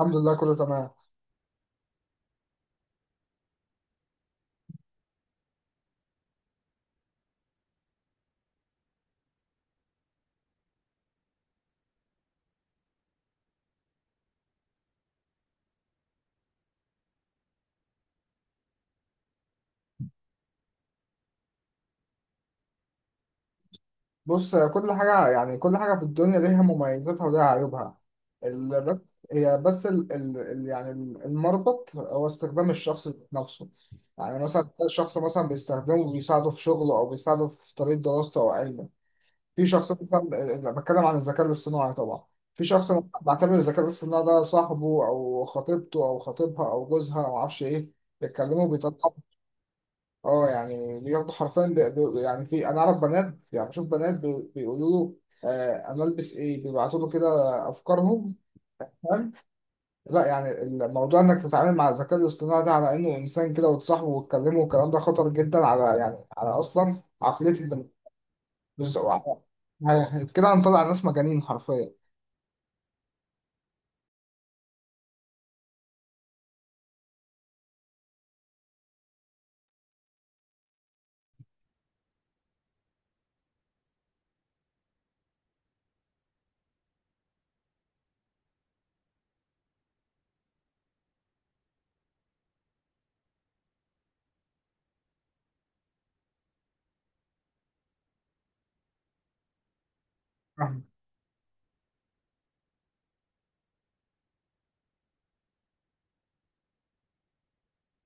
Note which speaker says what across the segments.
Speaker 1: الحمد لله، كله تمام. بص، كل حاجة يعني كل حاجة في الدنيا ليها مميزاتها وليها عيوبها. بس هي بس المربط هو استخدام الشخص نفسه. يعني مثلا تلاقي الشخص مثلا بيستخدمه وبيساعده في شغله أو بيساعده في طريق دراسته أو علمه. في شخص مثلا، أنا بتكلم عن الذكاء الاصطناعي طبعا. في شخص بعتبر الذكاء الاصطناعي ده صاحبه أو خطيبته أو خطيبها أو جوزها أو معرفش إيه، بيتكلموا. اه يعني بياخدوا حرفيا، بي بي يعني في، انا اعرف بنات، يعني بشوف بنات بيقولوا له آه انا البس ايه، بيبعتوا له كده افكارهم، فاهم؟ لا يعني الموضوع انك تتعامل مع الذكاء الاصطناعي ده على انه انسان كده وتصاحبه وتكلمه، والكلام ده خطر جدا على يعني على اصلا عقليه البني. بز- وع- يعني كده هنطلع ناس مجانين حرفيا، فاهم.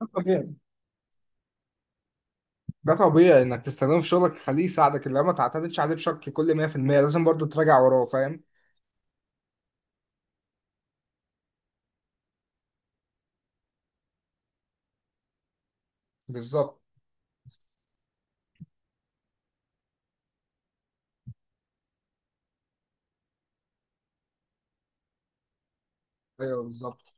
Speaker 1: ده طبيعي. ده طبيعي انك تستخدمه في شغلك، خليه يساعدك، اللي ما تعتمدش عليه بشكل كل 100%، لازم برضو تراجع وراه، فاهم. بالظبط. ايوه بالظبط.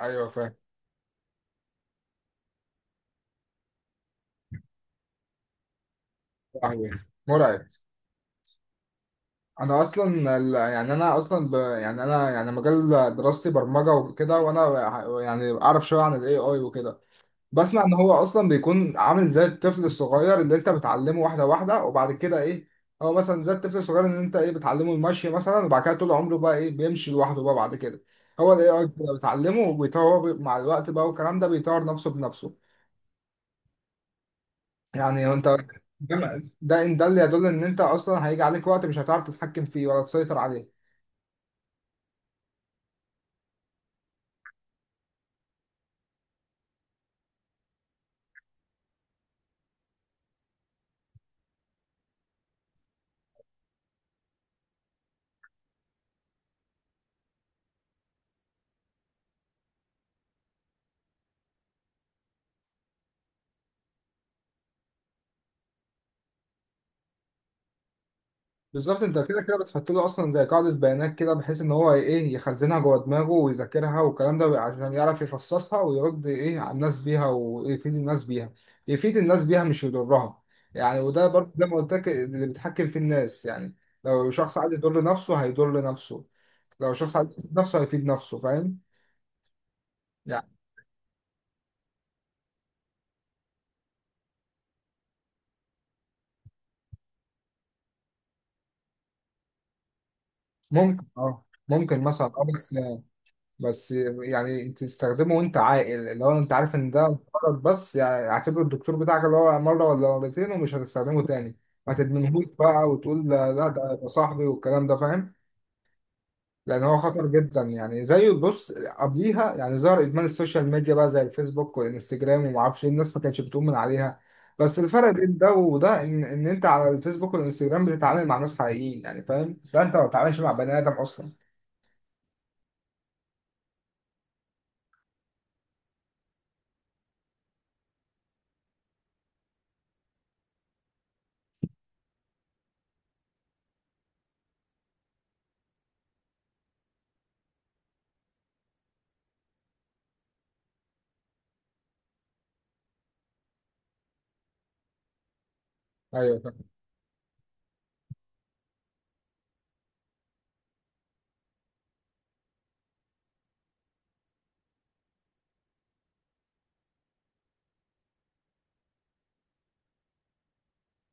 Speaker 1: ايوه فاهم. صحيح. مرعب. انا اصلا يعني انا يعني مجال دراستي برمجه وكده، وانا يعني اعرف شويه عن الاي اي وكده. بسمع ان هو اصلا بيكون عامل زي الطفل الصغير اللي انت بتعلمه واحده واحده وبعد كده ايه، هو مثلا زي الطفل الصغير اللي انت ايه بتعلمه المشي مثلا، وبعد كده طول عمره بقى ايه بيمشي لوحده بقى بعد كده. هو الاي اي بتعلمه وبيطور مع الوقت بقى، والكلام ده بيطور نفسه بنفسه. يعني انت، ده اللي يدل ان انت اصلا هيجي عليك وقت مش هتعرف تتحكم فيه ولا تسيطر عليه. بالظبط. انت كده كده بتحط له اصلا زي قاعده بيانات كده، بحيث ان هو ايه يخزنها جوه دماغه ويذاكرها والكلام ده، عشان يعرف يفصصها ويرد ايه على الناس بيها ويفيد الناس بيها. يفيد الناس بيها مش يضرها. يعني وده برضه زي ما قلت لك، اللي بيتحكم في الناس يعني. لو شخص عايز يضر نفسه هيضر نفسه. لو شخص عايز يفيد نفسه هيفيد نفسه، فاهم. يعني ممكن اه، ممكن مثلا اه، بس، بس يعني انت تستخدمه وانت عاقل، اللي هو انت عارف ان ده غلط، بس يعني اعتبر الدكتور بتاعك اللي هو مره ولا مرتين ومش هتستخدمه تاني. ما تدمنهوش بقى وتقول لا لا ده يبقى صاحبي والكلام ده، فاهم. لان هو خطر جدا، يعني زي بص قبليها يعني ظهر ادمان السوشيال ميديا بقى زي الفيسبوك والانستجرام وما اعرفش ايه، الناس ما كانتش بتؤمن عليها. بس الفرق بين ده وده ان انت على الفيسبوك والانستجرام بتتعامل مع ناس حقيقيين، يعني فاهم، ده انت ما بتتعاملش مع بني ادم اصلا. ايوه.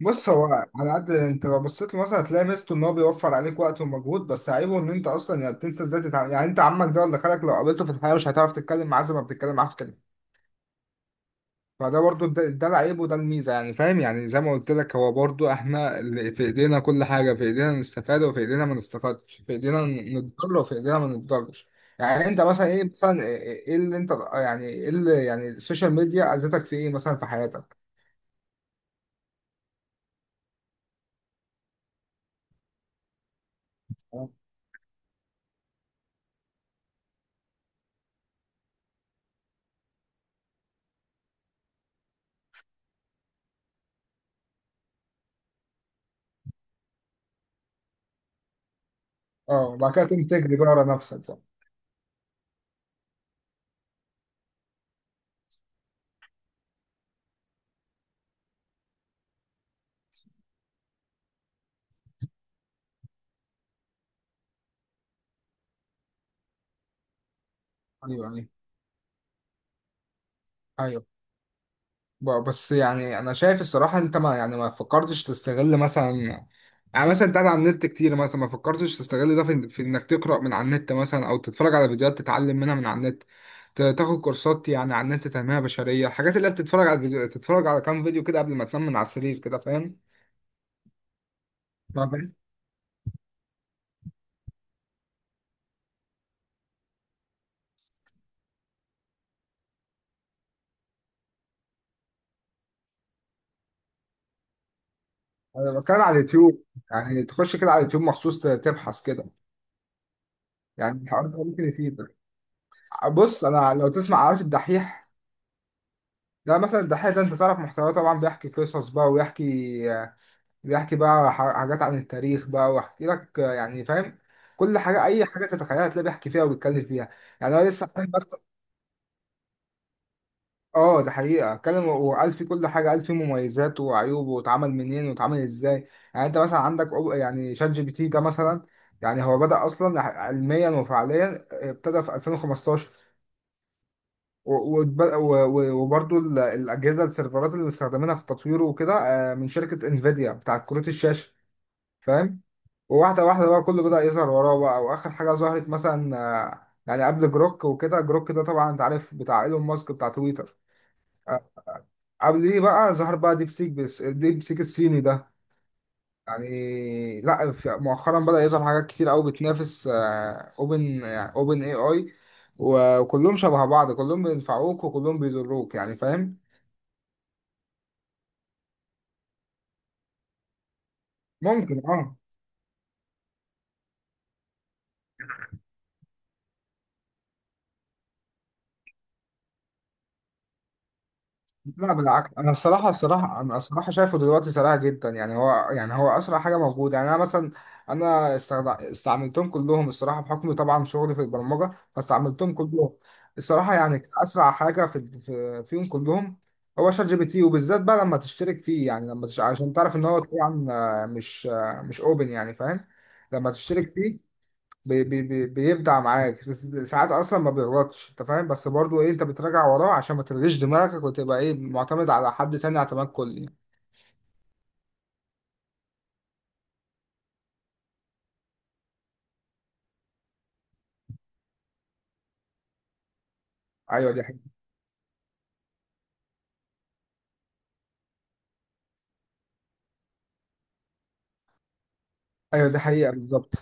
Speaker 1: بص هو، على قد انت لو بصيت له مثلا هتلاقي ميزته ان هو بيوفر عليك وقت ومجهود، بس عيبه ان انت اصلا يعني بتنسى ازاي تتعامل. يعني انت عمك ده ولا خالك لو قابلته في الحياه مش هتعرف تتكلم معاه زي ما بتتكلم معاه في التليفون. فده برضو ده العيب وده الميزه، يعني فاهم. يعني زي ما قلت لك، هو برضو احنا اللي في ايدينا، كل حاجه في ايدينا نستفاد وفي ايدينا ما نستفادش، في ايدينا نتضرر وفي ايدينا ما نتضررش. يعني انت مثلا ايه، مثلا ايه، ايه اللي انت يعني ايه اللي يعني السوشيال ميديا اذتك في ايه مثلا في حياتك؟ اه، وبعد كده تقوم تجري بقى ورا نفسك بقى. ايوه. ايوه. ايوه، بس يعني انا شايف الصراحه انت، ما يعني ما فكرتش تستغل مثلا، يعني مثلا انت قاعد على النت كتير مثلا، ما فكرتش تستغل ده في انك تقرا من على النت مثلا او تتفرج على فيديوهات تتعلم منها من على النت. تاخد كورسات يعني على النت، تنميه بشريه، الحاجات اللي انت بتتفرج على فيديو، تتفرج على كام فيديو كده قبل ما تنام من على السرير كده، فاهم. ما فاهم. انا بتكلم على اليوتيوب. يعني تخش كده على اليوتيوب مخصوص، تبحث كده. يعني الحوار ده ممكن يفيدك. بص، انا لو تسمع، عارف الدحيح؟ لا مثلا الدحيح ده انت تعرف محتواه طبعا، بيحكي قصص بقى ويحكي، بيحكي بقى حاجات عن التاريخ بقى ويحكي لك، آه، يعني فاهم. كل حاجه، اي حاجه تتخيلها تلاقيه بيحكي فيها وبيتكلم فيها. يعني هو لسه فاهم بس. اه ده حقيقه، اتكلم وقال في كل حاجه، قال في مميزات وعيوب واتعمل منين واتعمل ازاي. يعني انت مثلا عندك يعني شات جي بي تي ده مثلا، يعني هو بدأ اصلا علميا وفعليا، ابتدى في 2015، و- وبرضو الأجهزة، السيرفرات اللي بيستخدمينها في التطوير وكده، آه، من شركة انفيديا بتاعت كروت الشاشة، فاهم. وواحدة واحدة بقى كله بدأ يظهر وراه بقى، وآخر حاجة ظهرت مثلا آه، يعني قبل جروك وكده. جروك ده طبعا أنت عارف بتاع إيلون ماسك، بتاع تويتر، آه، قبليه بقى ظهر بقى ديب سيك، بس ديب سيك الصيني ده يعني، لا في- مؤخرا بدأ يظهر حاجات كتير قوي بتنافس اوبن اي اي، وكلهم شبه بعض، كلهم بينفعوك وكلهم بيضروك، يعني فاهم. ممكن اه. لا بالعكس، انا الصراحه، الصراحه انا الصراحه شايفه دلوقتي سريع جدا، يعني هو يعني هو اسرع حاجه موجوده. يعني انا مثلا، انا استعملتهم كلهم الصراحه، بحكم طبعا شغلي في البرمجه فاستعملتهم كلهم. الصراحه يعني اسرع حاجه فيهم كلهم هو شات جي بي تي، وبالذات بقى لما تشترك فيه. يعني لما عشان تعرف ان هو طبعا مش اوبن، يعني فاهم. لما تشترك فيه بي بي بي بيبدع معاك، ساعات اصلا ما بيغلطش، انت فاهم، بس برضو ايه، انت بتراجع وراه عشان ما تلغيش دماغك وتبقى ايه معتمد على حد تاني اعتماد كلي. ايوه دي حقيقة. ايوه دي حقيقة بالظبط.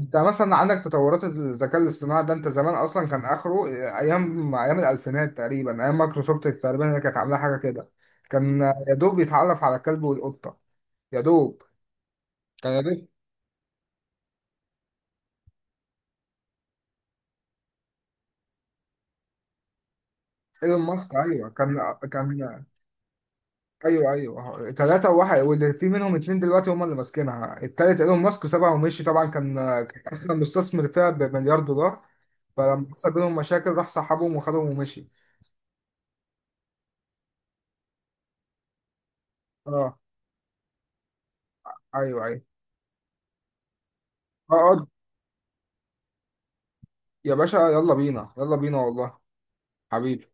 Speaker 1: انت مثلا عندك تطورات الذكاء الاصطناعي ده، انت زمان اصلا كان اخره ايام، ايام الالفينات تقريبا، ايام مايكروسوفت تقريبا، هي كانت عامله حاجه كده، كان يا دوب بيتعرف على الكلب والقطه، يا دوب. كان يا دوب. ايلون ماسك، ايوه كان، كان. ايوه ايوه ثلاثة وواحد، واللي في منهم اتنين دلوقتي هم اللي ماسكينها، التالت ايلون ماسك سابها ومشي طبعا، كان اصلا مستثمر فيها بمليار دولار. فلما حصل بينهم مشاكل راح سحبهم وخدهم ومشي. اه. ايوه ايوه. اقعد يا باشا، يلا بينا يلا بينا والله. حبيبي.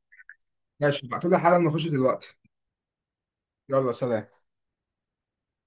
Speaker 1: ماشي، ابعتولي حالا نخش دلوقتي. يلا سلام.